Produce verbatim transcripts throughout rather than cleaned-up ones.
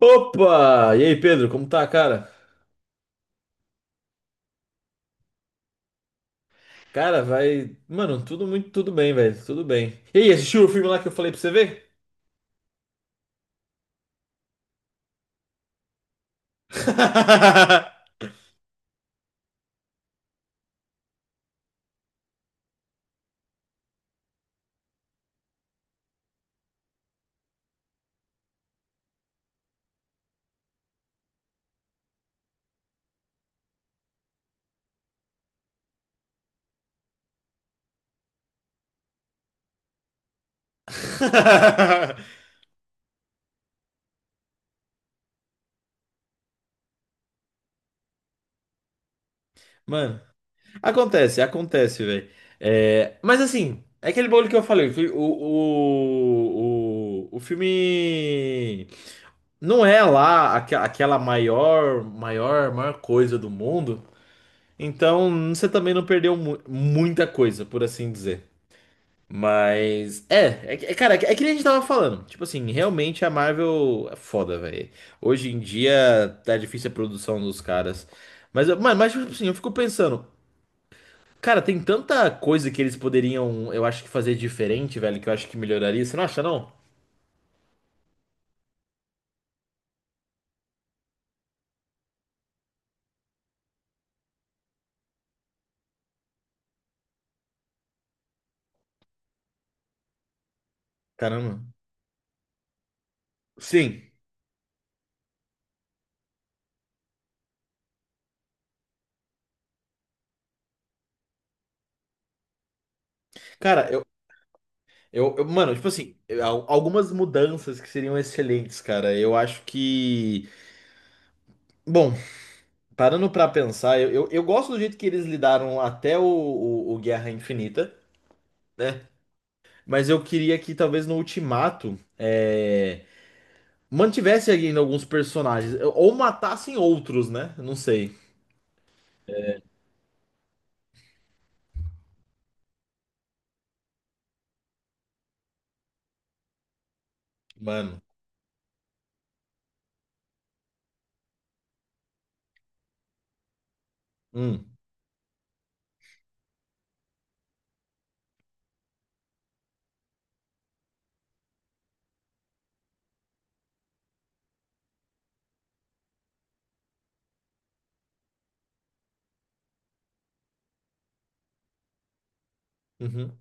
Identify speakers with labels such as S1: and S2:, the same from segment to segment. S1: Opa! E aí, Pedro, como tá, cara? Cara, vai. Mano, tudo muito, tudo bem, velho. Tudo bem. E aí, assistiu o filme lá que eu falei pra você ver? Mano, acontece, acontece, velho. É, Mas assim, é aquele bolo que eu falei. O, fi- o, o, o o filme não é lá aque- aquela maior, maior, maior coisa do mundo. Então, você também não perdeu mu- muita coisa, por assim dizer. Mas. É, é, que- é, cara, é, que é que nem a gente tava falando. Tipo assim, realmente a Marvel é foda, velho. Hoje em dia tá difícil a produção dos caras. Mas, eu- mano, mas tipo assim, eu fico pensando. Cara, tem tanta coisa que eles poderiam, eu acho que fazer diferente, velho, que eu acho que melhoraria. Você não acha, não? Caramba. Sim. Cara, eu, eu, eu- Mano, tipo assim, eu- al- algumas mudanças que seriam excelentes, cara. Eu acho que. Bom, parando pra pensar, eu, eu, eu gosto do jeito que eles lidaram até o, o, o Guerra Infinita, né? Mas eu queria que talvez no Ultimato é, mantivesse ainda alguns personagens, ou matassem outros, né? Não sei. Mano. Hum. Uhum.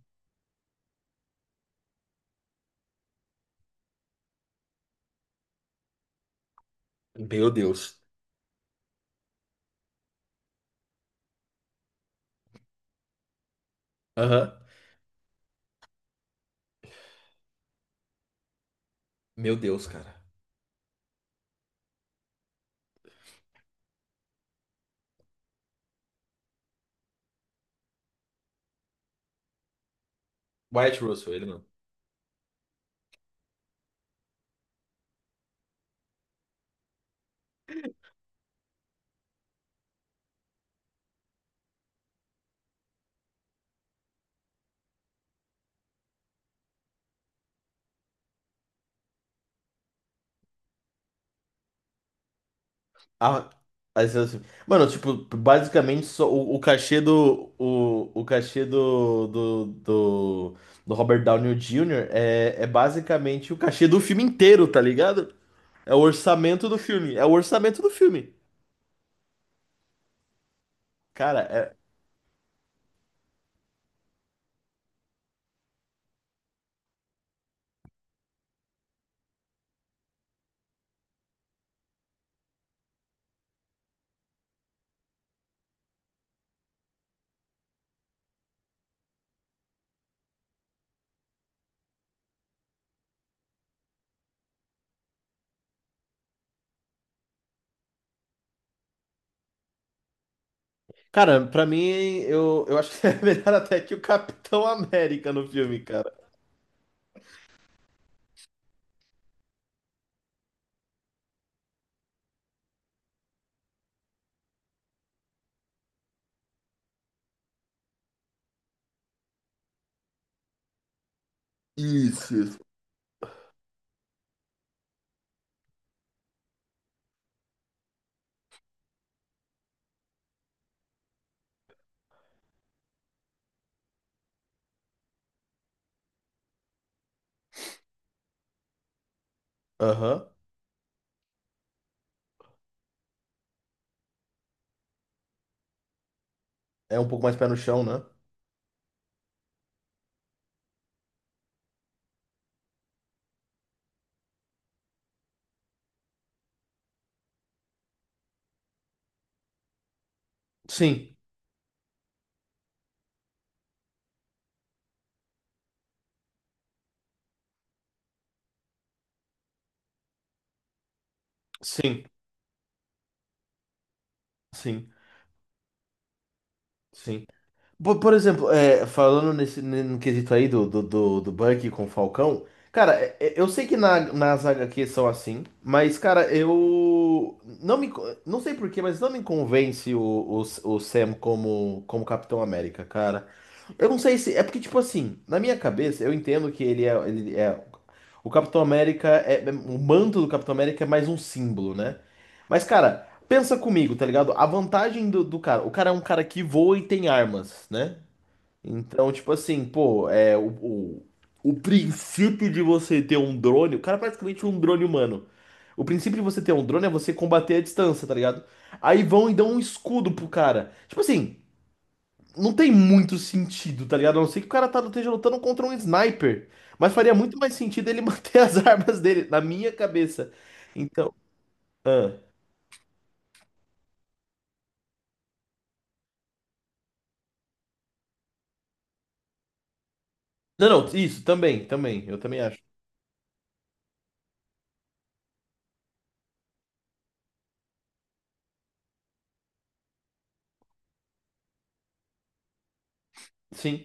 S1: Meu Deus. Aham. Meu Deus, cara. Wyatt Russell, ele não. Ah, aí você assim, mano, tipo, basicamente só o, o cachê do o, o cachê do, do, do, do Robert Downey júnior é, é basicamente o cachê do filme inteiro, tá ligado? É o orçamento do filme, é o orçamento do filme. Cara, é, Cara, pra mim eu, eu acho que é melhor até que o Capitão América no filme, cara. Isso, isso. Aham. É um pouco mais pé no chão, né? Sim, sim, sim, sim. Por, por exemplo, é, falando nesse no quesito aí do, do, do, do Bucky com o Falcão, cara, é- é- eu sei que na, nas H Qs são assim, mas, cara, eu não me, co- não sei por quê, mas não me convence o, o, o Sam como, como Capitão América, cara. Eu não sei se. É porque, tipo assim, na minha cabeça, eu entendo que ele é. Ele é o Capitão América é, é- o manto do Capitão América é mais um símbolo, né? Mas, cara. Pensa comigo, tá ligado? A vantagem do, do cara. O cara é um cara que voa e tem armas, né? Então, tipo assim, pô, é o, o, o princípio de você ter um drone. O cara é praticamente um drone humano. O princípio de você ter um drone é você combater à distância, tá ligado? Aí vão e dão um escudo pro cara. Tipo assim, não tem muito sentido, tá ligado? A não ser que o cara tá, esteja lutando contra um sniper. Mas faria muito mais sentido ele manter as armas dele, na minha cabeça. Então. Ah. Não, não, isso também, também. Eu também acho. Sim.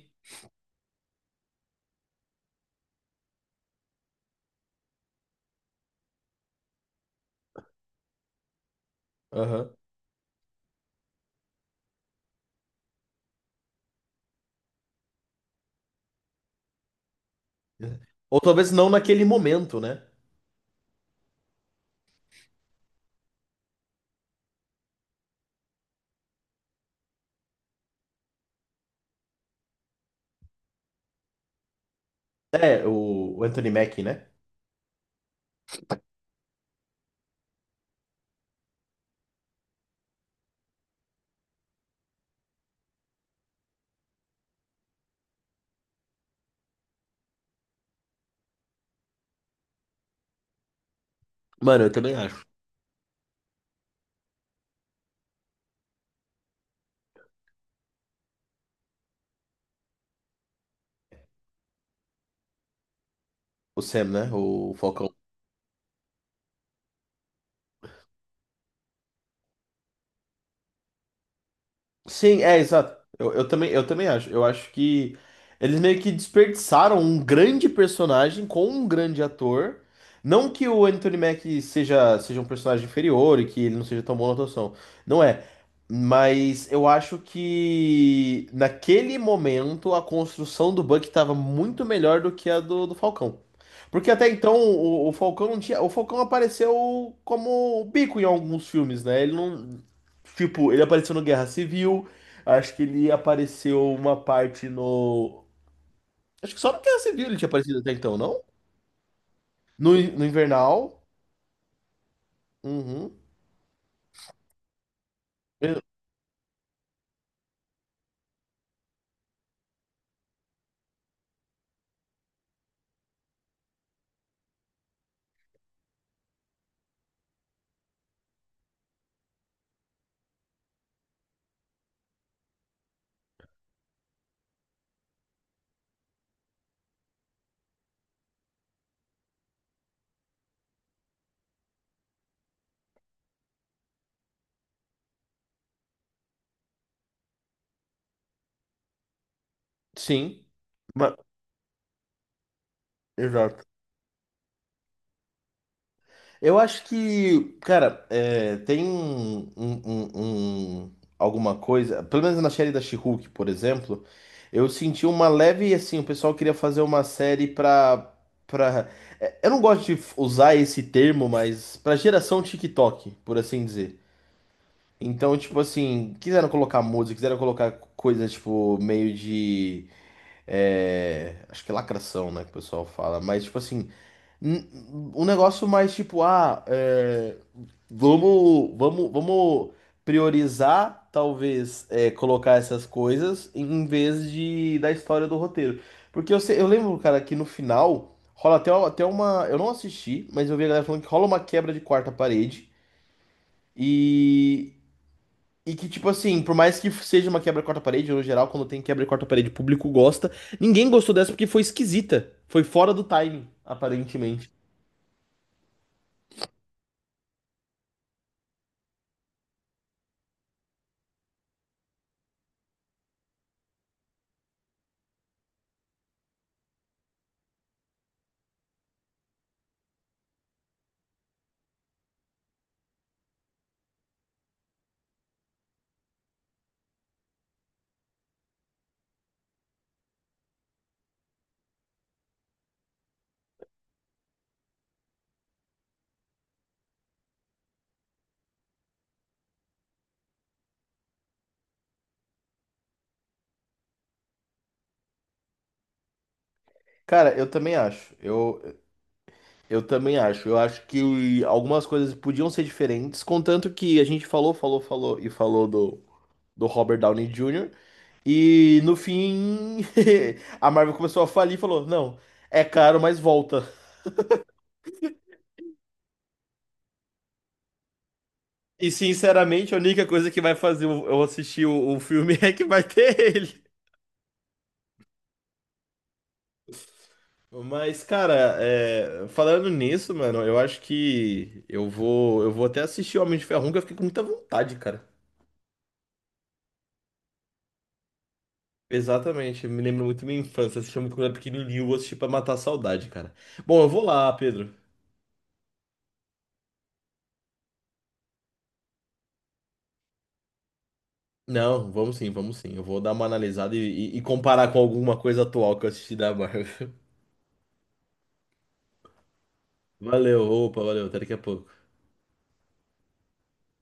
S1: Aham. Ou talvez não naquele momento, né? É, o o Anthony Mackie, né? Mano, eu também acho. O Sam, né? O Falcão. Sim, é, exato. Eu, eu também, eu também acho. Eu acho que eles meio que desperdiçaram um grande personagem com um grande ator. Não que o Anthony Mack seja, seja um personagem inferior e que ele não seja tão bom na atuação. Não é. Mas eu acho que naquele momento a construção do Buck estava muito melhor do que a do, do Falcão. Porque até então o, o Falcão não tinha. O Falcão apareceu como o bico em alguns filmes, né? Ele não. Tipo, ele apareceu no Guerra Civil, acho que ele apareceu uma parte no. Acho que só no Guerra Civil ele tinha aparecido até então, não? No, no Invernal. Uhum. Eu- sim. Ma- Exato. Eu acho que, cara, é, tem um, um- um- um- alguma coisa, pelo menos na série da She-Hulk, por exemplo, eu senti uma leve, assim, o pessoal queria fazer uma série pra, pra, é, eu não gosto de f- usar esse termo, mas pra geração TikTok, por assim dizer. Então, tipo assim, quiseram colocar música, quiseram colocar coisas, tipo, meio de, é, acho que é lacração, né, que o pessoal fala, mas, tipo assim, um um negócio mais tipo, ah, é, vamos, vamos, vamos priorizar, talvez, é, colocar essas coisas em vez de da história do roteiro. Porque eu, sei- eu lembro, cara, que no final rola até, até uma. Eu não assisti, mas eu vi a galera falando que rola uma quebra de quarta parede. E, e que, tipo assim, por mais que seja uma quebra de quarta parede, no geral, quando tem quebra de quarta parede, o público gosta. Ninguém gostou dessa porque foi esquisita. Foi fora do timing, aparentemente. Cara, eu também acho. Eu, eu também acho. Eu acho que algumas coisas podiam ser diferentes, contanto que a gente falou, falou, falou e falou do, do Robert Downey júnior E no fim, a Marvel começou a falir e falou: não, é caro, mas volta. E sinceramente, a única coisa que vai fazer eu eu assistir o, o filme é que vai ter ele. Mas, cara, é, falando nisso, mano, eu acho que eu vou, eu vou até assistir o Homem de Ferro um, que eu fiquei com muita vontade, cara. Exatamente, me lembro muito da minha infância, assistia muito quando eu era pequenininho, eu vou assistir pra matar a saudade, cara. Bom, eu vou lá, Pedro. Não, vamos sim, vamos sim. Eu vou dar uma analisada e, e e comparar com alguma coisa atual que eu assisti da Marvel. Valeu, opa, valeu, até daqui a pouco.